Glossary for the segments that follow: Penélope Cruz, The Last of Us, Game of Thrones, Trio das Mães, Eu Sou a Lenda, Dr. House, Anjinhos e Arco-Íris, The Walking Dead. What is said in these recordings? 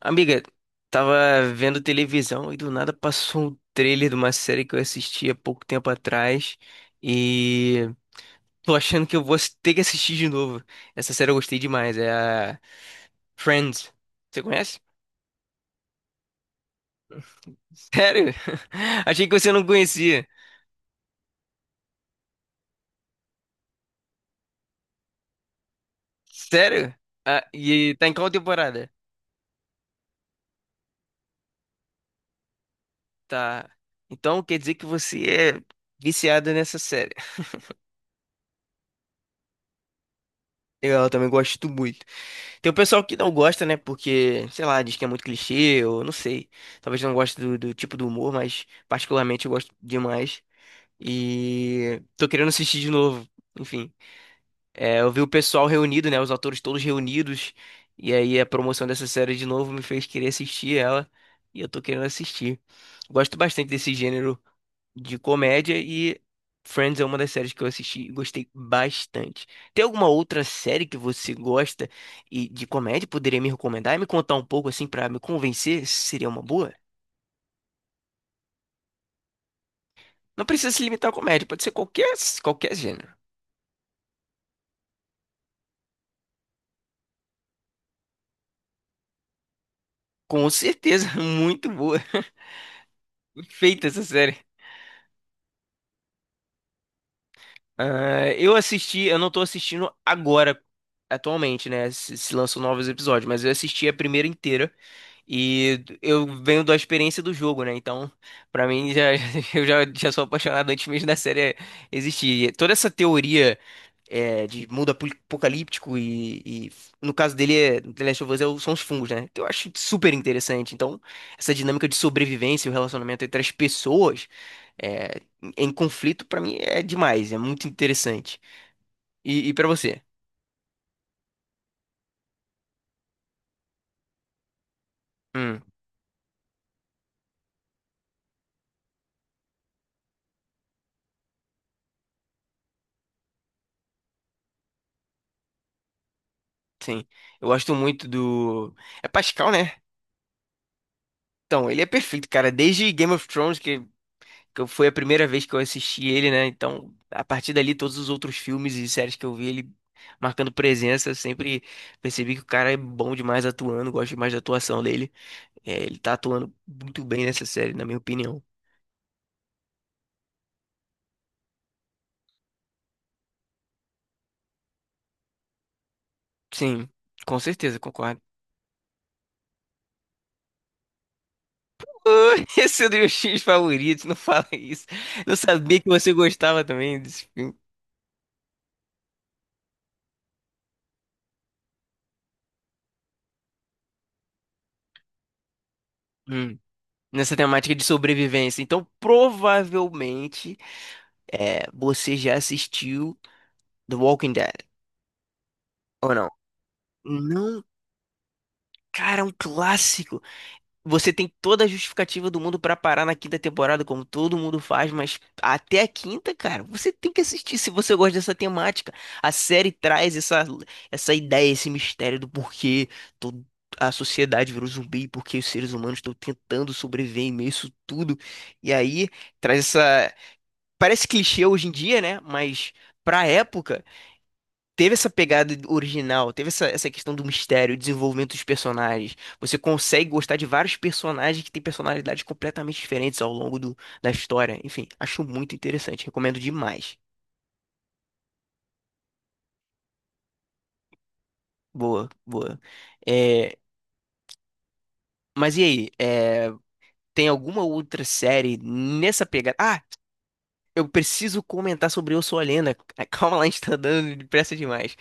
Amiga, tava vendo televisão e do nada passou um trailer de uma série que eu assisti há pouco tempo atrás e tô achando que eu vou ter que assistir de novo. Essa série eu gostei demais, é a Friends. Você conhece? Sério? Achei que você não conhecia. Sério? Ah, e tá em qual temporada? Tá. Então quer dizer que você é viciada nessa série. Eu também gosto muito. Tem o pessoal que não gosta, né? Porque, sei lá, diz que é muito clichê, ou não sei. Talvez não goste do tipo do humor, mas particularmente eu gosto demais. E tô querendo assistir de novo. Enfim, eu vi o pessoal reunido, né? Os atores todos reunidos. E aí a promoção dessa série de novo me fez querer assistir ela. E eu tô querendo assistir. Gosto bastante desse gênero de comédia e Friends é uma das séries que eu assisti e gostei bastante. Tem alguma outra série que você gosta e de comédia poderia me recomendar e me contar um pouco assim pra me convencer se seria uma boa? Não precisa se limitar à comédia, pode ser qualquer gênero. Com certeza, muito boa. Feita essa série. Ah, eu assisti, eu não tô assistindo agora, atualmente, né? Se lançam novos episódios, mas eu assisti a primeira inteira. E eu venho da experiência do jogo, né? Então, pra mim, já, eu já, já sou apaixonado antes mesmo da série existir. E toda essa teoria de mundo apocalíptico e no caso dele, The Last of Us são os fungos, né? Então, eu acho super interessante. Então, essa dinâmica de sobrevivência e o relacionamento entre as pessoas é, em conflito, pra mim, é demais. É muito interessante. E para você? Hum, sim. Eu gosto muito do... É Pascal, né? Então, ele é perfeito, cara. Desde Game of Thrones, foi a primeira vez que eu assisti ele, né? Então, a partir dali, todos os outros filmes e séries que eu vi, ele marcando presença, eu sempre percebi que o cara é bom demais atuando, gosto demais da atuação dele. É, ele tá atuando muito bem nessa série, na minha opinião. Sim, com certeza, concordo. Ui, esse é o meu X favorito, não fala isso. Não sabia que você gostava também desse filme. Hum, nessa temática de sobrevivência. Então, provavelmente. É, você já assistiu The Walking Dead, ou não? Não, cara, é um clássico. Você tem toda a justificativa do mundo pra parar na quinta temporada, como todo mundo faz, mas até a quinta, cara, você tem que assistir se você gosta dessa temática. A série traz essa, essa ideia, esse mistério do porquê todo- a sociedade virou zumbi, porque os seres humanos estão tentando sobreviver em meio a isso tudo. E aí traz essa. Parece clichê hoje em dia, né? Mas pra época, teve essa pegada original, teve essa, essa questão do mistério, desenvolvimento dos personagens. Você consegue gostar de vários personagens que têm personalidades completamente diferentes ao longo da história. Enfim, acho muito interessante, recomendo demais. Boa, boa. É, mas e aí? É, tem alguma outra série nessa pegada? Ah, eu preciso comentar sobre Eu Sou a Lenda. Calma lá, a gente tá dando depressa demais.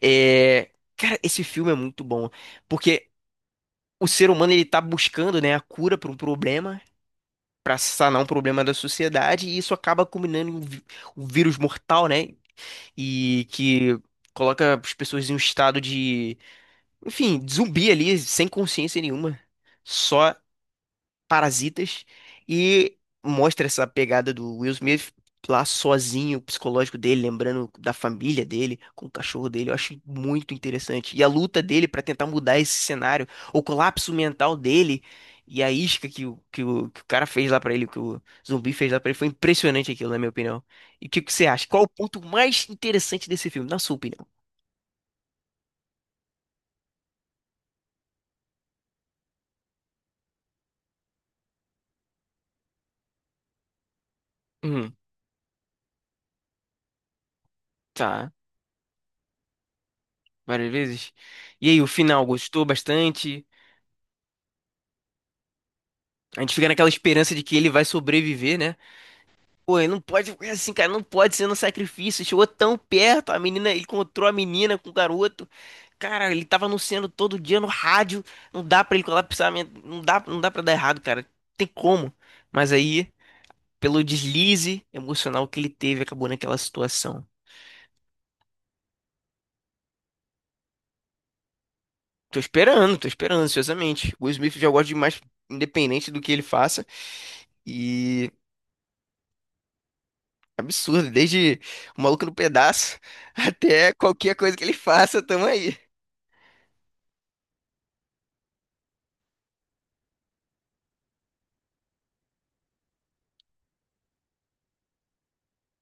É, cara, esse filme é muito bom, porque o ser humano ele tá buscando, né, a cura para um problema, para sanar um problema da sociedade e isso acaba culminando em um vírus mortal, né? E que coloca as pessoas em um estado de, enfim, de zumbi ali, sem consciência nenhuma. Só parasitas, e mostra essa pegada do Will Smith lá sozinho, o psicológico dele, lembrando da família dele, com o cachorro dele. Eu acho muito interessante. E a luta dele pra tentar mudar esse cenário, o colapso mental dele e a isca que o cara fez lá pra ele, que o zumbi fez lá pra ele, foi impressionante aquilo, na minha opinião. E o que, que você acha? Qual o ponto mais interessante desse filme, na sua opinião? Hum, tá. Várias vezes. E aí, o final, gostou bastante? A gente fica naquela esperança de que ele vai sobreviver, né? Pô, ele não pode ficar assim, cara, não pode ser no sacrifício. Chegou tão perto, a menina, ele encontrou a menina com o garoto. Cara, ele tava anunciando todo dia no rádio. Não dá pra ele colapsar, não dá, não dá para dar errado, cara. Tem como. Mas aí, pelo deslize emocional que ele teve, acabou naquela situação. Tô esperando ansiosamente. O Will Smith eu já gosto demais, independente do que ele faça. E absurdo, desde o Maluco no Pedaço até qualquer coisa que ele faça, tamo aí.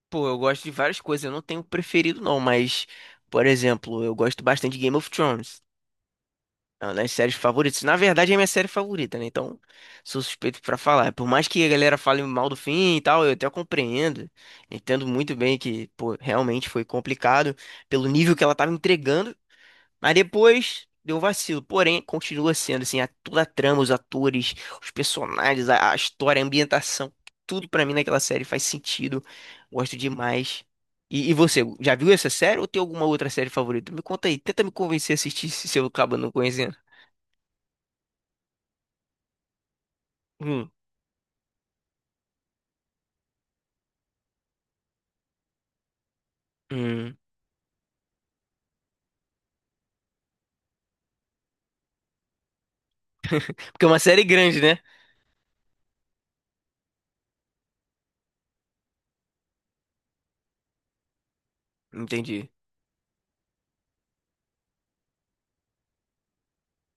Pô, eu gosto de várias coisas, eu não tenho preferido não, mas, por exemplo, eu gosto bastante de Game of Thrones. É uma das séries favoritas. Na verdade, é minha série favorita, né? Então, sou suspeito pra falar. Por mais que a galera fale mal do fim e tal, eu até compreendo. Entendo muito bem que, pô, realmente foi complicado pelo nível que ela tava entregando. Mas depois deu um vacilo. Porém, continua sendo assim, a, toda a trama, os atores, os personagens, a história, a ambientação, tudo pra mim naquela série faz sentido. Gosto demais. E você, já viu essa série ou tem alguma outra série favorita? Me conta aí, tenta me convencer a assistir se eu acabo não conhecendo. Hum, hum. Porque é uma série grande, né? Entendi.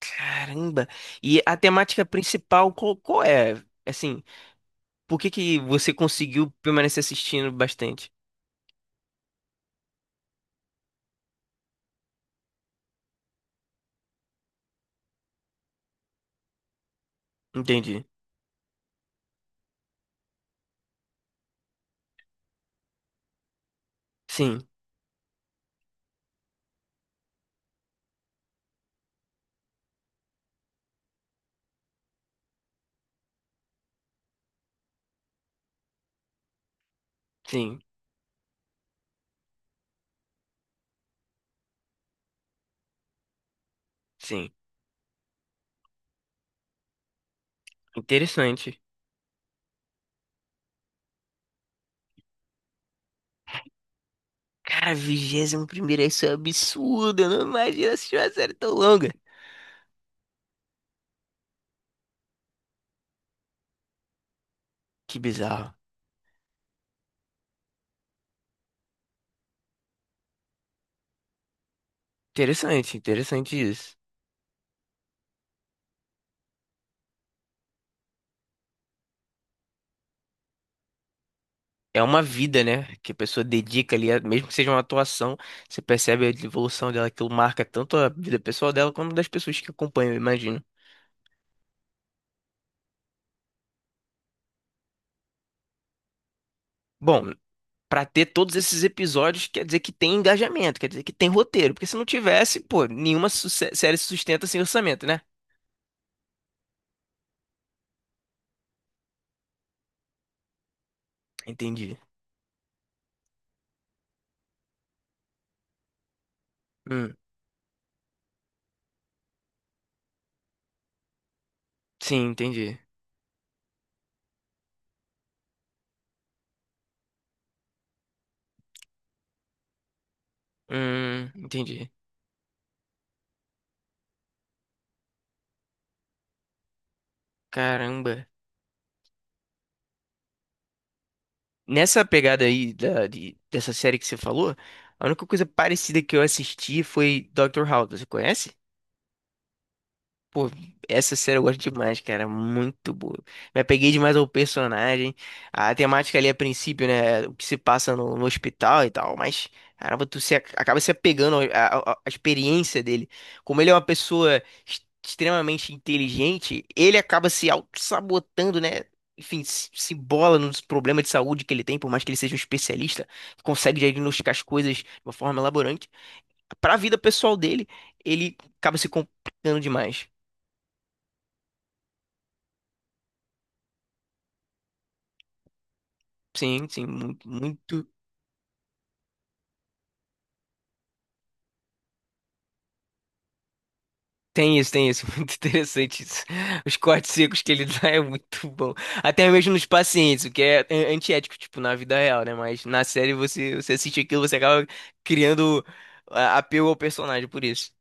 Caramba! E a temática principal, qual, qual é? Assim, por que que você conseguiu permanecer assistindo bastante? Entendi. Sim, sim. Sim. Interessante. Cara, vigésimo primeiro isso é absurdo. Eu não imagino assistir uma série tão longa. Que bizarro. Interessante, interessante isso. É uma vida, né? Que a pessoa dedica ali, mesmo que seja uma atuação, você percebe a evolução dela, aquilo marca tanto a vida pessoal dela quanto das pessoas que acompanham, eu imagino. Bom, pra ter todos esses episódios, quer dizer que tem engajamento, quer dizer que tem roteiro, porque se não tivesse, pô, nenhuma série se sustenta sem orçamento, né? Entendi. Hum, sim, entendi. Entendi. Caramba. Nessa pegada aí dessa série que você falou, a única coisa parecida que eu assisti foi Dr. House. Você conhece? Pô, essa série eu gosto demais, cara. Muito boa. Me apeguei demais ao personagem. A temática ali a princípio, né? O que se passa no, no hospital e tal. Mas, caramba, tu se, acaba se apegando à experiência dele. Como ele é uma pessoa extremamente inteligente, ele acaba se auto-sabotando, né? Enfim, se embola nos problemas de saúde que ele tem, por mais que ele seja um especialista, consegue diagnosticar as coisas de uma forma elaborante. Para a vida pessoal dele, ele acaba se complicando demais. Sim, sim, muito, muito. Tem isso, tem isso. Muito interessante isso. Os cortes secos que ele dá é muito bom. Até mesmo nos pacientes, o que é antiético, tipo, na vida real, né? Mas na série você, você assiste aquilo, você acaba criando apego ao personagem por isso.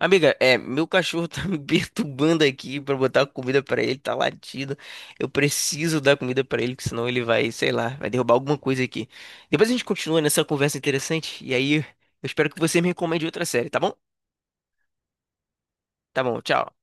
Amiga, é, meu cachorro tá me perturbando aqui pra botar comida pra ele, tá latindo. Eu preciso dar comida pra ele, que senão ele vai, sei lá, vai derrubar alguma coisa aqui. Depois a gente continua nessa conversa interessante, e aí eu espero que você me recomende outra série, tá bom? Tá bom, tchau.